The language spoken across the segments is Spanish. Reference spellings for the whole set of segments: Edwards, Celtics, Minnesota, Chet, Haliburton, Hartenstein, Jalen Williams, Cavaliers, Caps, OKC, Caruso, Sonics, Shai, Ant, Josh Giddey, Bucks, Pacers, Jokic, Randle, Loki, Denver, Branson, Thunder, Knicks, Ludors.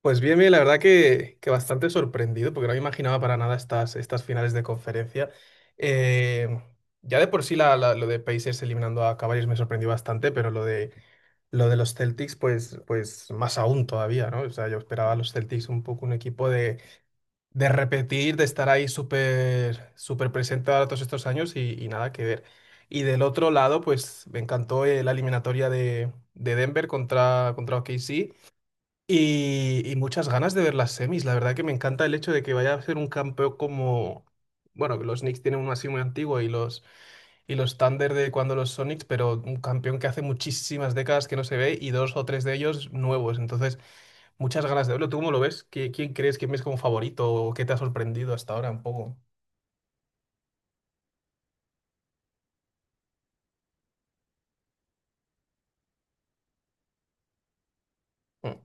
Pues bien, bien, la verdad que bastante sorprendido, porque no me imaginaba para nada estas finales de conferencia. Eh, ya de por sí lo de Pacers eliminando a Cavaliers me sorprendió bastante, pero lo de los Celtics, pues más aún todavía, ¿no? O sea, yo esperaba a los Celtics un poco un equipo de repetir, de estar ahí súper súper presente ahora todos estos años y nada que ver. Y del otro lado, pues me encantó la eliminatoria de Denver contra OKC. Y muchas ganas de ver las semis. La verdad que me encanta el hecho de que vaya a ser un campeón. Bueno, que los Knicks tienen uno así muy antiguo y los Thunder de cuando los Sonics, pero un campeón que hace muchísimas décadas que no se ve y dos o tres de ellos nuevos. Entonces, muchas ganas de verlo. ¿Tú cómo lo ves? ¿Quién crees que ves como favorito o qué te ha sorprendido hasta ahora un poco? Mm.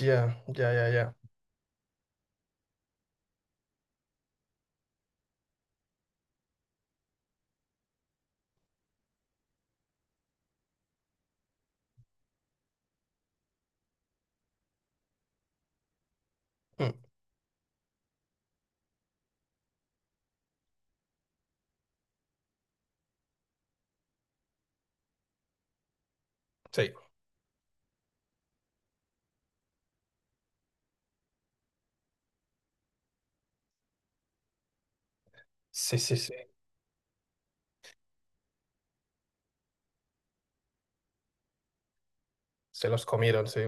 Ya, ya, ya, ya. Mm. Sí, sí, sí, sí. Se los comieron, sí.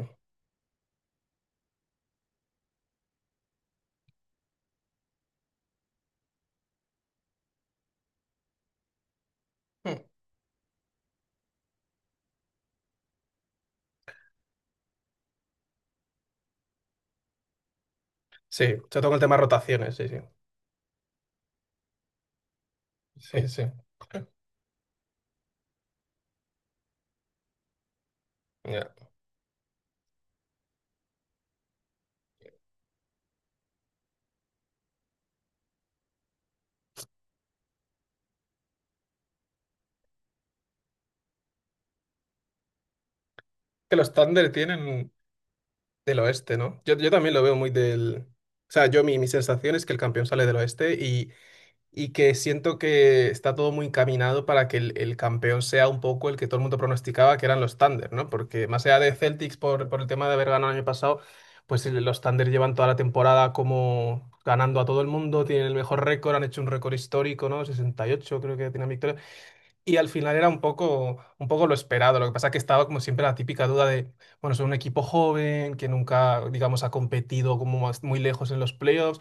Mm. Sí, se toca el tema de rotaciones, sí, sí. Sí, sí. Que los Thunder tienen del oeste, ¿no? Yo también lo veo muy. O sea, yo mi sensación es que el campeón sale del oeste y que siento que está todo muy encaminado para que el campeón sea un poco el que todo el mundo pronosticaba que eran los Thunder, ¿no? Porque más allá de Celtics por el tema de haber ganado el año pasado, pues los Thunder llevan toda la temporada como ganando a todo el mundo, tienen el mejor récord, han hecho un récord histórico, ¿no? 68 creo que tienen victorias. Y al final era un poco lo esperado. Lo que pasa es que estaba como siempre la típica duda de, bueno, son un equipo joven que nunca, digamos, ha competido como muy lejos en los playoffs.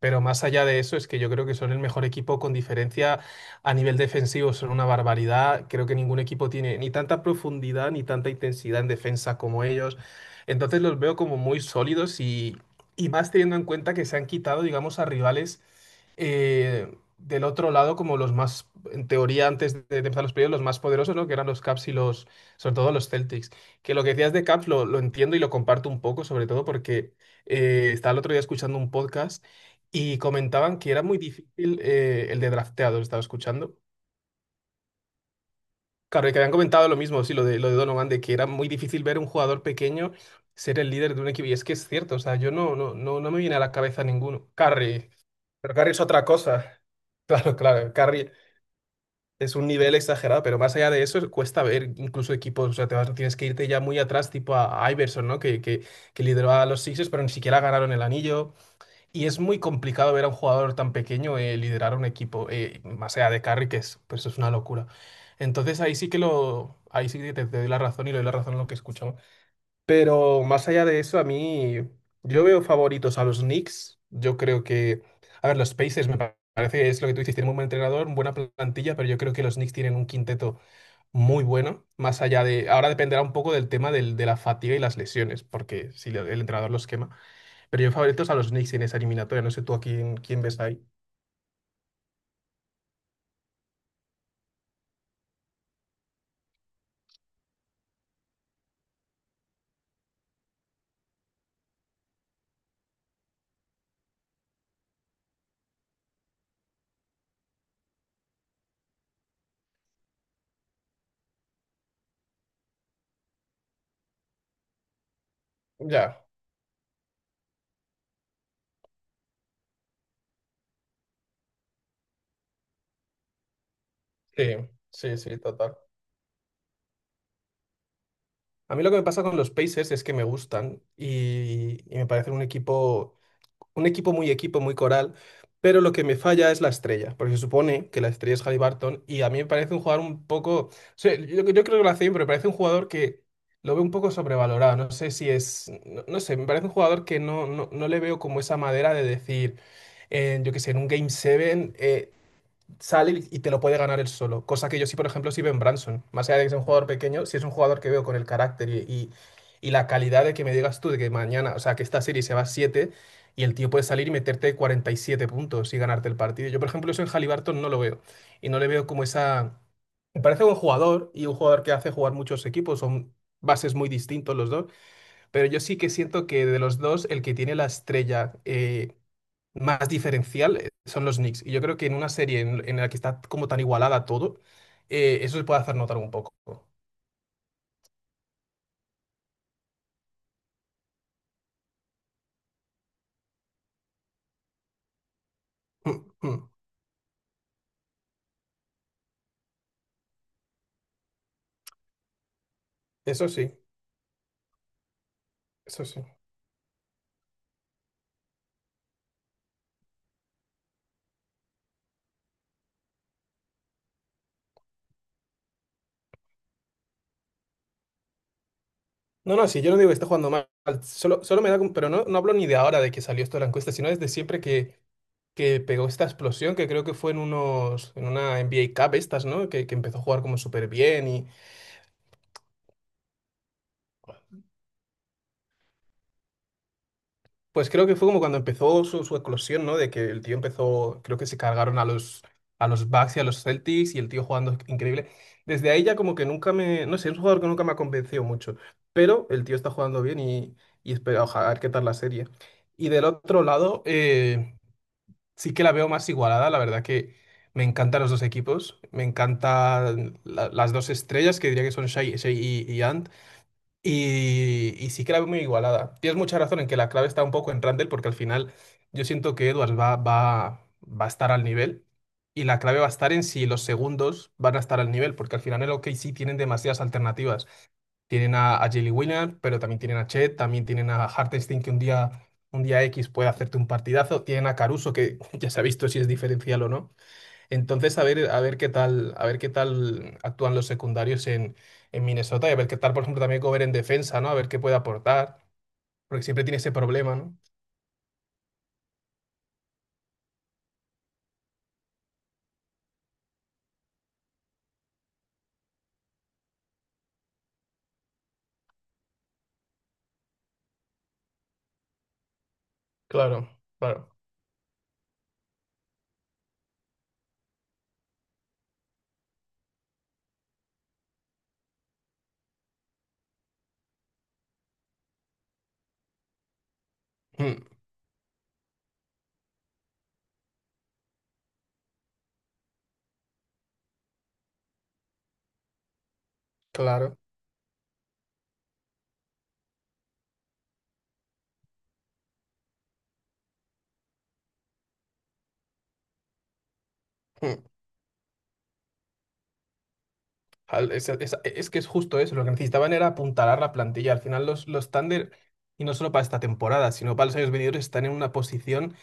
Pero más allá de eso, es que yo creo que son el mejor equipo con diferencia a nivel defensivo, son una barbaridad. Creo que ningún equipo tiene ni tanta profundidad ni tanta intensidad en defensa como ellos. Entonces los veo como muy sólidos y más teniendo en cuenta que se han quitado, digamos, a rivales del otro lado como los más, en teoría, antes de empezar los playoffs, los más poderosos, ¿no? Que eran los Caps y sobre todo los Celtics. Que lo que decías de Caps lo entiendo y lo comparto un poco, sobre todo porque estaba el otro día escuchando un podcast y comentaban que era muy difícil el de drafteado, estaba escuchando. Claro, y que habían comentado lo mismo, sí, lo de Donovan, de que era muy difícil ver un jugador pequeño ser el líder de un equipo. Y es que es cierto, o sea, yo no me viene a la cabeza ninguno. Curry, pero Curry es otra cosa. Claro, claro, Curry es un nivel exagerado, pero más allá de eso, cuesta ver incluso equipos, o sea, tienes que irte ya muy atrás, tipo a Iverson, ¿no? Que lideró a los Sixers, pero ni siquiera ganaron el anillo. Y es muy complicado ver a un jugador tan pequeño liderar un equipo, más allá de Carry, que es, pero eso es una locura. Entonces ahí sí que te doy la razón y le doy la razón a lo que escuchamos. Pero más allá de eso, a mí yo veo favoritos a los Knicks. Yo creo que, a ver, los Pacers me parece, es lo que tú dices, tienen un buen entrenador, buena plantilla, pero yo creo que los Knicks tienen un quinteto muy bueno. Más allá ahora dependerá un poco del tema de la fatiga y las lesiones, porque si el entrenador los quema. Pero yo favoritos a los Knicks en esa eliminatoria, no sé tú a quién ves ahí. Ya, sí, sí, sí, total. A mí lo que me pasa con los Pacers es que me gustan y me parecen un equipo, muy coral, pero lo que me falla es la estrella, porque se supone que la estrella es Haliburton y a mí me parece un jugador un poco, o sea, yo creo que lo hace bien, pero me parece un jugador que lo veo un poco sobrevalorado, no sé si es, no sé, me parece un jugador que no le veo como esa madera de decir yo qué sé, en un Game 7, sale y te lo puede ganar él solo. Cosa que yo sí, por ejemplo, sí veo en Branson. Más allá de que sea un jugador pequeño, si es un jugador que veo con el carácter y la calidad de que me digas tú de que mañana, o sea, que esta serie se va a 7 y el tío puede salir y meterte 47 puntos y ganarte el partido. Yo, por ejemplo, eso en Haliburton no lo veo. Y no le veo como esa. Me parece un jugador y un jugador que hace jugar muchos equipos. Son bases muy distintos los dos. Pero yo sí que siento que de los dos, el que tiene la estrella más diferencial son los Knicks. Y yo creo que en una serie en la que está como tan igualada todo, eso se puede hacer notar un poco. Mm. Mm. Eso sí, eso sí. No, no, sí, yo no digo que esté jugando mal. Solo pero no hablo ni de ahora de que salió esto de la encuesta, sino desde siempre que pegó esta explosión, que creo que fue en una NBA Cup estas, ¿no? Que empezó a jugar como súper bien. Pues creo que fue como cuando empezó su eclosión, ¿no? De que el tío empezó, creo que se cargaron a los Bucks y a los Celtics y el tío jugando increíble. Desde ahí ya como que nunca me, no sé, es un jugador que nunca me ha convencido mucho, pero el tío está jugando bien y espera, ojalá, a ver qué tal la serie. Y del otro lado, sí que la veo más igualada, la verdad que me encantan los dos equipos, me encantan las dos estrellas, que diría que son Shai y, Ant y sí que la veo muy igualada. Tienes mucha razón en que la clave está un poco en Randle, porque al final yo siento que Edwards va a estar al nivel. Y la clave va a estar en si los segundos van a estar al nivel, porque al final en el OKC tienen demasiadas alternativas. Tienen a Jalen Williams, pero también tienen a Chet, también tienen a Hartenstein, que un día X puede hacerte un partidazo. Tienen a Caruso, que ya se ha visto si es diferencial o no. Entonces, a ver, a ver qué tal actúan los secundarios en Minnesota y a ver qué tal, por ejemplo, también Cover en defensa, ¿no? A ver qué puede aportar, porque siempre tiene ese problema, ¿no? Claro, claro, mm, claro. Mm. Es que es justo eso, lo que necesitaban era apuntalar la plantilla. Al final los Thunder, y no solo para esta temporada, sino para los años venideros, están en una posición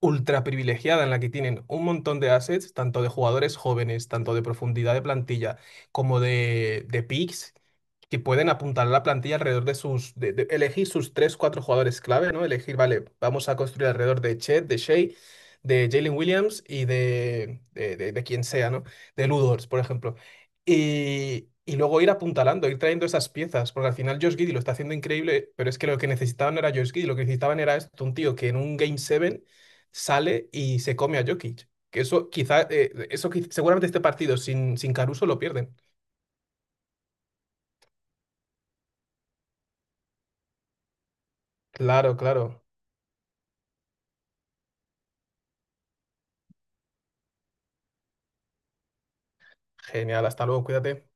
ultra privilegiada en la que tienen un montón de assets, tanto de jugadores jóvenes, tanto de profundidad de plantilla, como de picks, que pueden apuntar la plantilla alrededor de de elegir sus tres, cuatro jugadores clave, ¿no? Elegir, vale, vamos a construir alrededor de Chet, de Shea, de Jalen Williams y de quien sea, ¿no? De Ludors, por ejemplo. Y luego ir apuntalando, ir trayendo esas piezas, porque al final Josh Giddey lo está haciendo increíble, pero es que lo que necesitaban no era Josh Giddey, lo que necesitaban era esto, un tío que en un Game 7 sale y se come a Jokic. Que eso quizá, seguramente este partido sin Caruso lo pierden. Claro, claro. Genial, hasta luego, cuídate.